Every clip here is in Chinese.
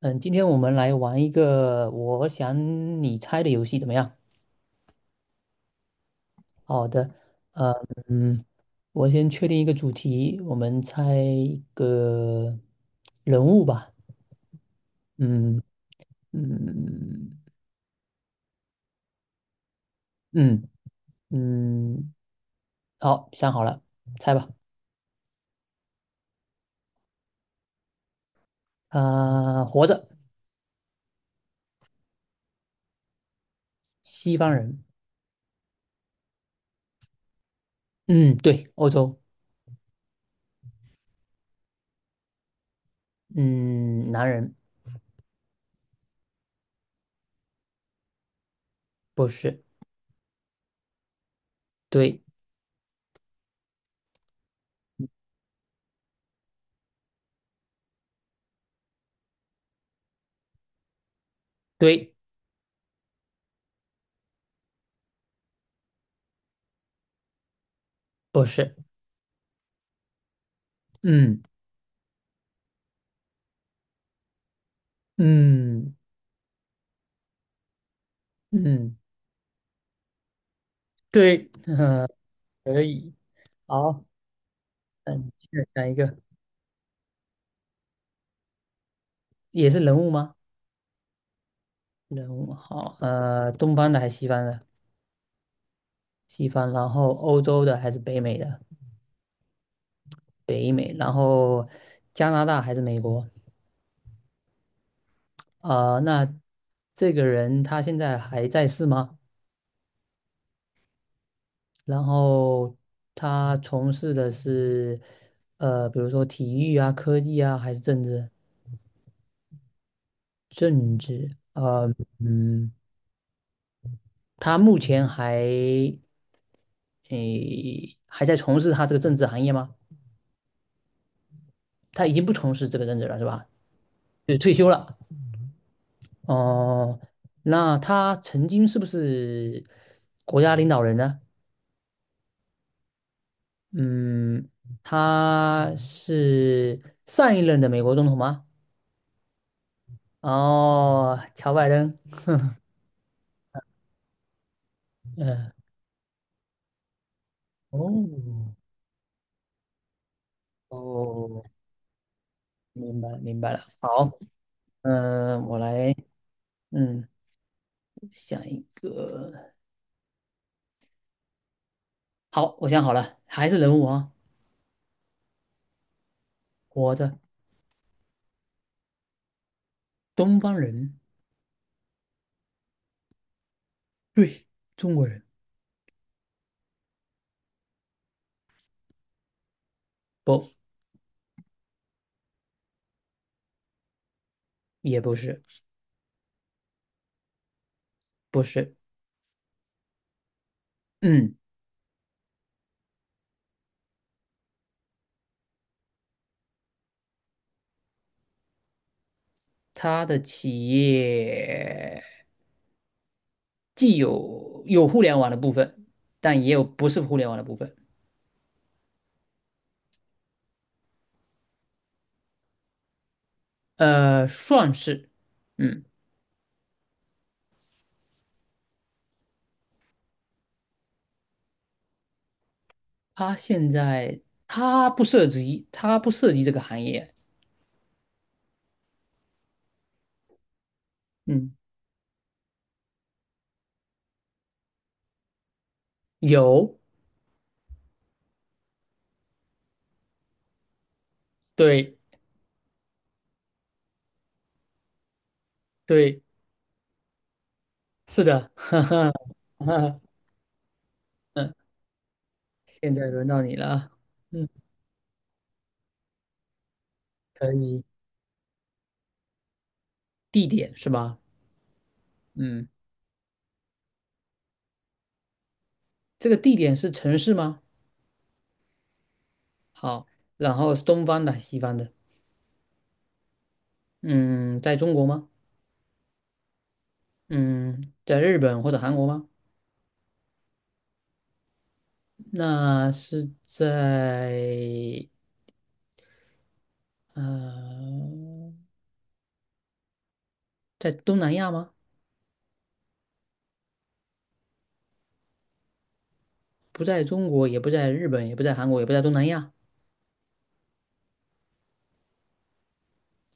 嗯，今天我们来玩一个我想你猜的游戏，怎么样？好的，呃嗯，我先确定一个主题，我们猜一个人物吧。嗯嗯嗯嗯，好，想好了，猜吧。啊、活着，西方人。嗯，对，欧洲。嗯，男人，不是。对对，不是。嗯嗯嗯，对，可以。好。嗯，再讲一个也是人物吗？人物好，东方的还是西方的？西方，然后欧洲的还是北美的？北美，然后加拿大还是美国？啊、那这个人他现在还在世吗？然后他从事的是比如说体育啊、科技啊，还是政治？政治，呃，嗯，他目前还还在从事他这个政治行业吗？他已经不从事这个任职了，是吧？就退休了。哦、那他曾经是不是国家领导人呢？嗯，他是上一任的美国总统吗？哦，乔拜登。嗯，哦，哦，明白明白了。好，嗯，我来，嗯，想一个。好，我想好了，还是人物啊，活着，东方人，对，中国人，不，也不是。不是，嗯，他的企业既有互联网的部分，但也有不是互联网的部分，算是，嗯，他现在他不涉及这个行业，嗯，有，对对，是的，哈哈，哈，嗯，现在轮到你了啊嗯，可以，地点是吧？嗯，这个地点是城市吗？好，然后是东方的，西方的，嗯，在中国吗？嗯，在日本或者韩国吗？那是在呃，在东南亚吗？不在中国，也不在日本，也不在韩国，也不在东南亚，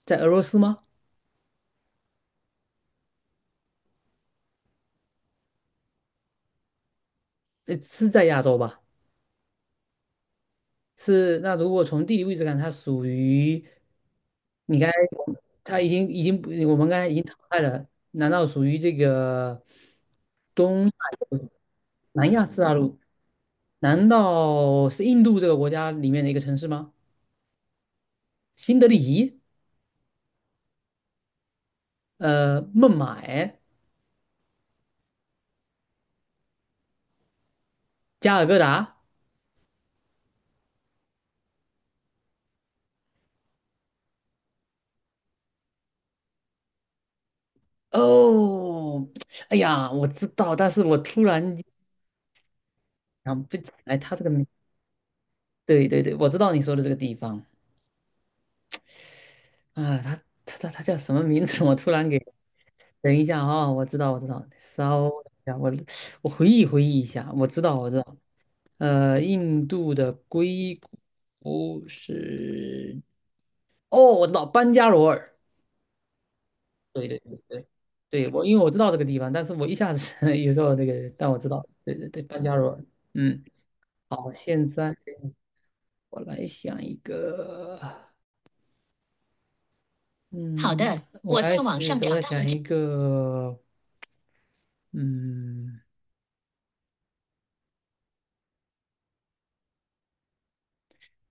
在俄罗斯吗？是在亚洲吧？是。那如果从地理位置看，它属于你刚才它已经已经不我们刚才已经淘汰了，难道属于这个东南亚次大陆？难道是印度这个国家里面的一个城市吗？新德里？孟买、加尔各答。哦，哎呀，我知道，但是我突然间想不起来他这个名。对对对，我知道你说的这个地方啊，他他叫什么名字？我突然给，等一下啊、我知道我知道，稍等一下，我回忆回忆一下，我知道我知道，呃，印度的硅谷是，哦，我知道班加罗尔。对对对对，对我因为知道这个地方，但是我一下子 有时候那个，但我知道，对对对，班加罗尔，嗯，好，现在我来想一个，好嗯的，我在网上找到了这一个，嗯，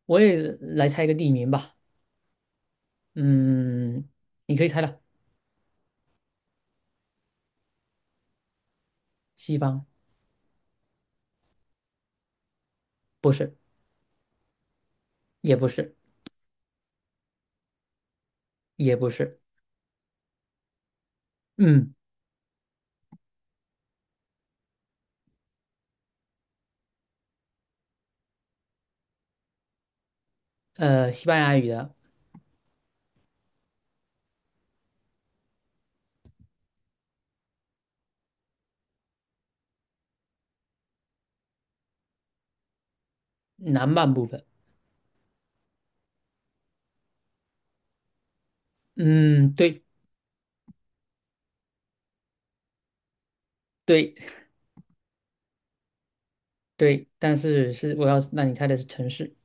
我也来猜一个地名吧，嗯，你可以猜了，西方不是，也不是，也不是，嗯，西班牙语的南半部分，嗯，对对对，但是我要让你猜的是城市。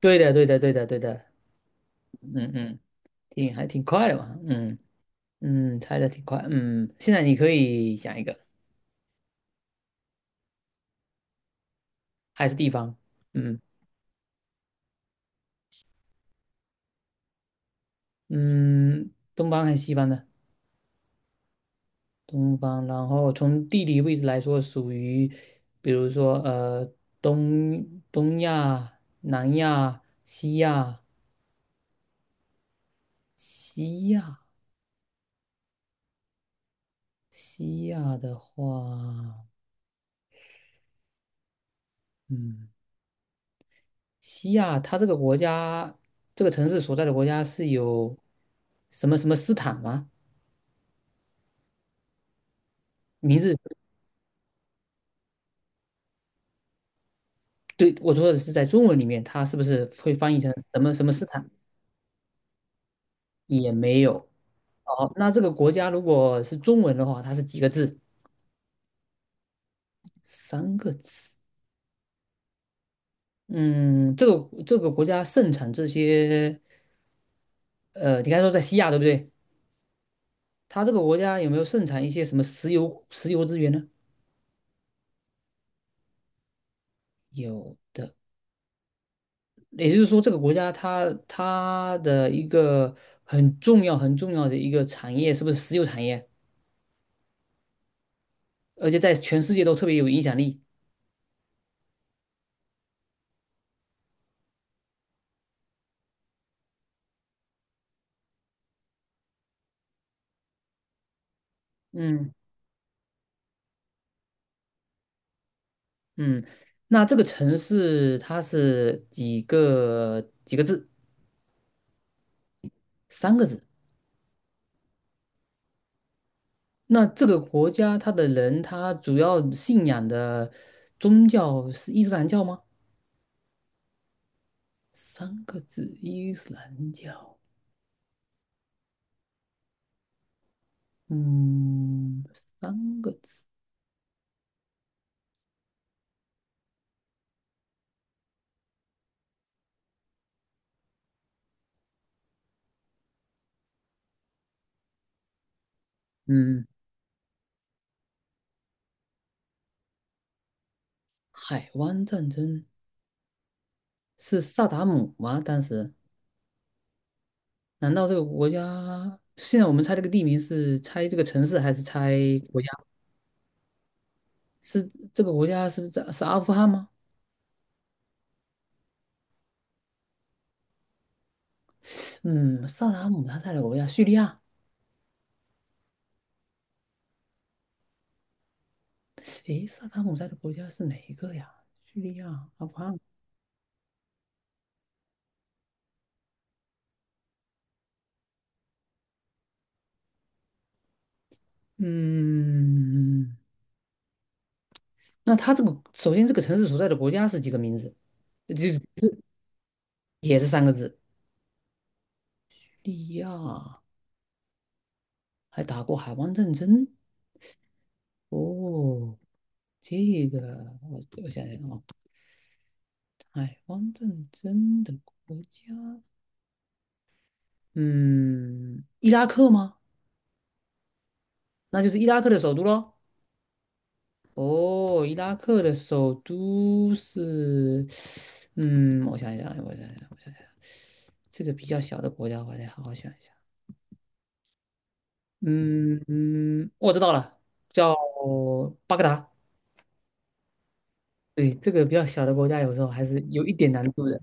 对的，对的，对的，对的，嗯嗯，挺快的嘛，嗯嗯，猜的挺快，嗯，现在你可以想一个，还是地方，嗯嗯，东方还是西方的？东方，然后从地理位置来说，属于，比如说东亚、南亚、西亚、西亚、西亚的话，嗯。西亚，它这个国家，这个城市所在的国家是有什么什么斯坦吗？名字，对，我说的是在中文里面，它是不是会翻译成什么什么斯坦？也没有。好，那这个国家如果是中文的话，它是几个字？三个字。嗯，这个国家盛产这些，你刚才说在西亚对不对？它这个国家有没有盛产一些什么石油资源呢？有。也就是说，这个国家它的一个很重要、很重要的一个产业，是不是石油产业？而且在全世界都特别有影响力。嗯嗯，那这个城市它是几个字？三个字。那这个国家它的人，他主要信仰的宗教是伊斯兰教吗？三个字，伊斯兰教。嗯，三个字。嗯，海湾战争。是萨达姆吗？当时难道这个国家现在我们猜这个地名是猜这个城市还是猜国家？是这个国家是是阿富汗吗？嗯，萨达姆他在的国家叙利亚。诶，萨达姆在的国家是哪一个呀？叙利亚、阿富汗。嗯，那他这个首先这个城市所在的国家是几个名字？就也是三个字。叙利亚还打过海湾战争哦，这个我想想啊。海汪正真的国家，嗯，伊拉克吗？那就是伊拉克的首都喽。哦，伊拉克的首都是，嗯，我想一想，这个比较小的国家，我得好好想一想。嗯嗯，我知道了，叫巴格达。对，这个比较小的国家，有时候还是有一点难度的。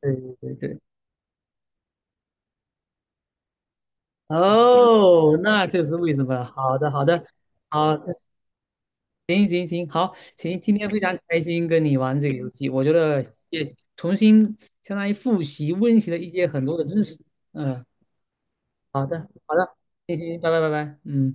对对对对。哦，那就是为什么了好的，好的，好，行行行，好，行，今天非常开心跟你玩这个游戏，我觉得也重新相当于复习温习了一些很多的知识。嗯，好的，好的，行行，拜拜拜拜，嗯。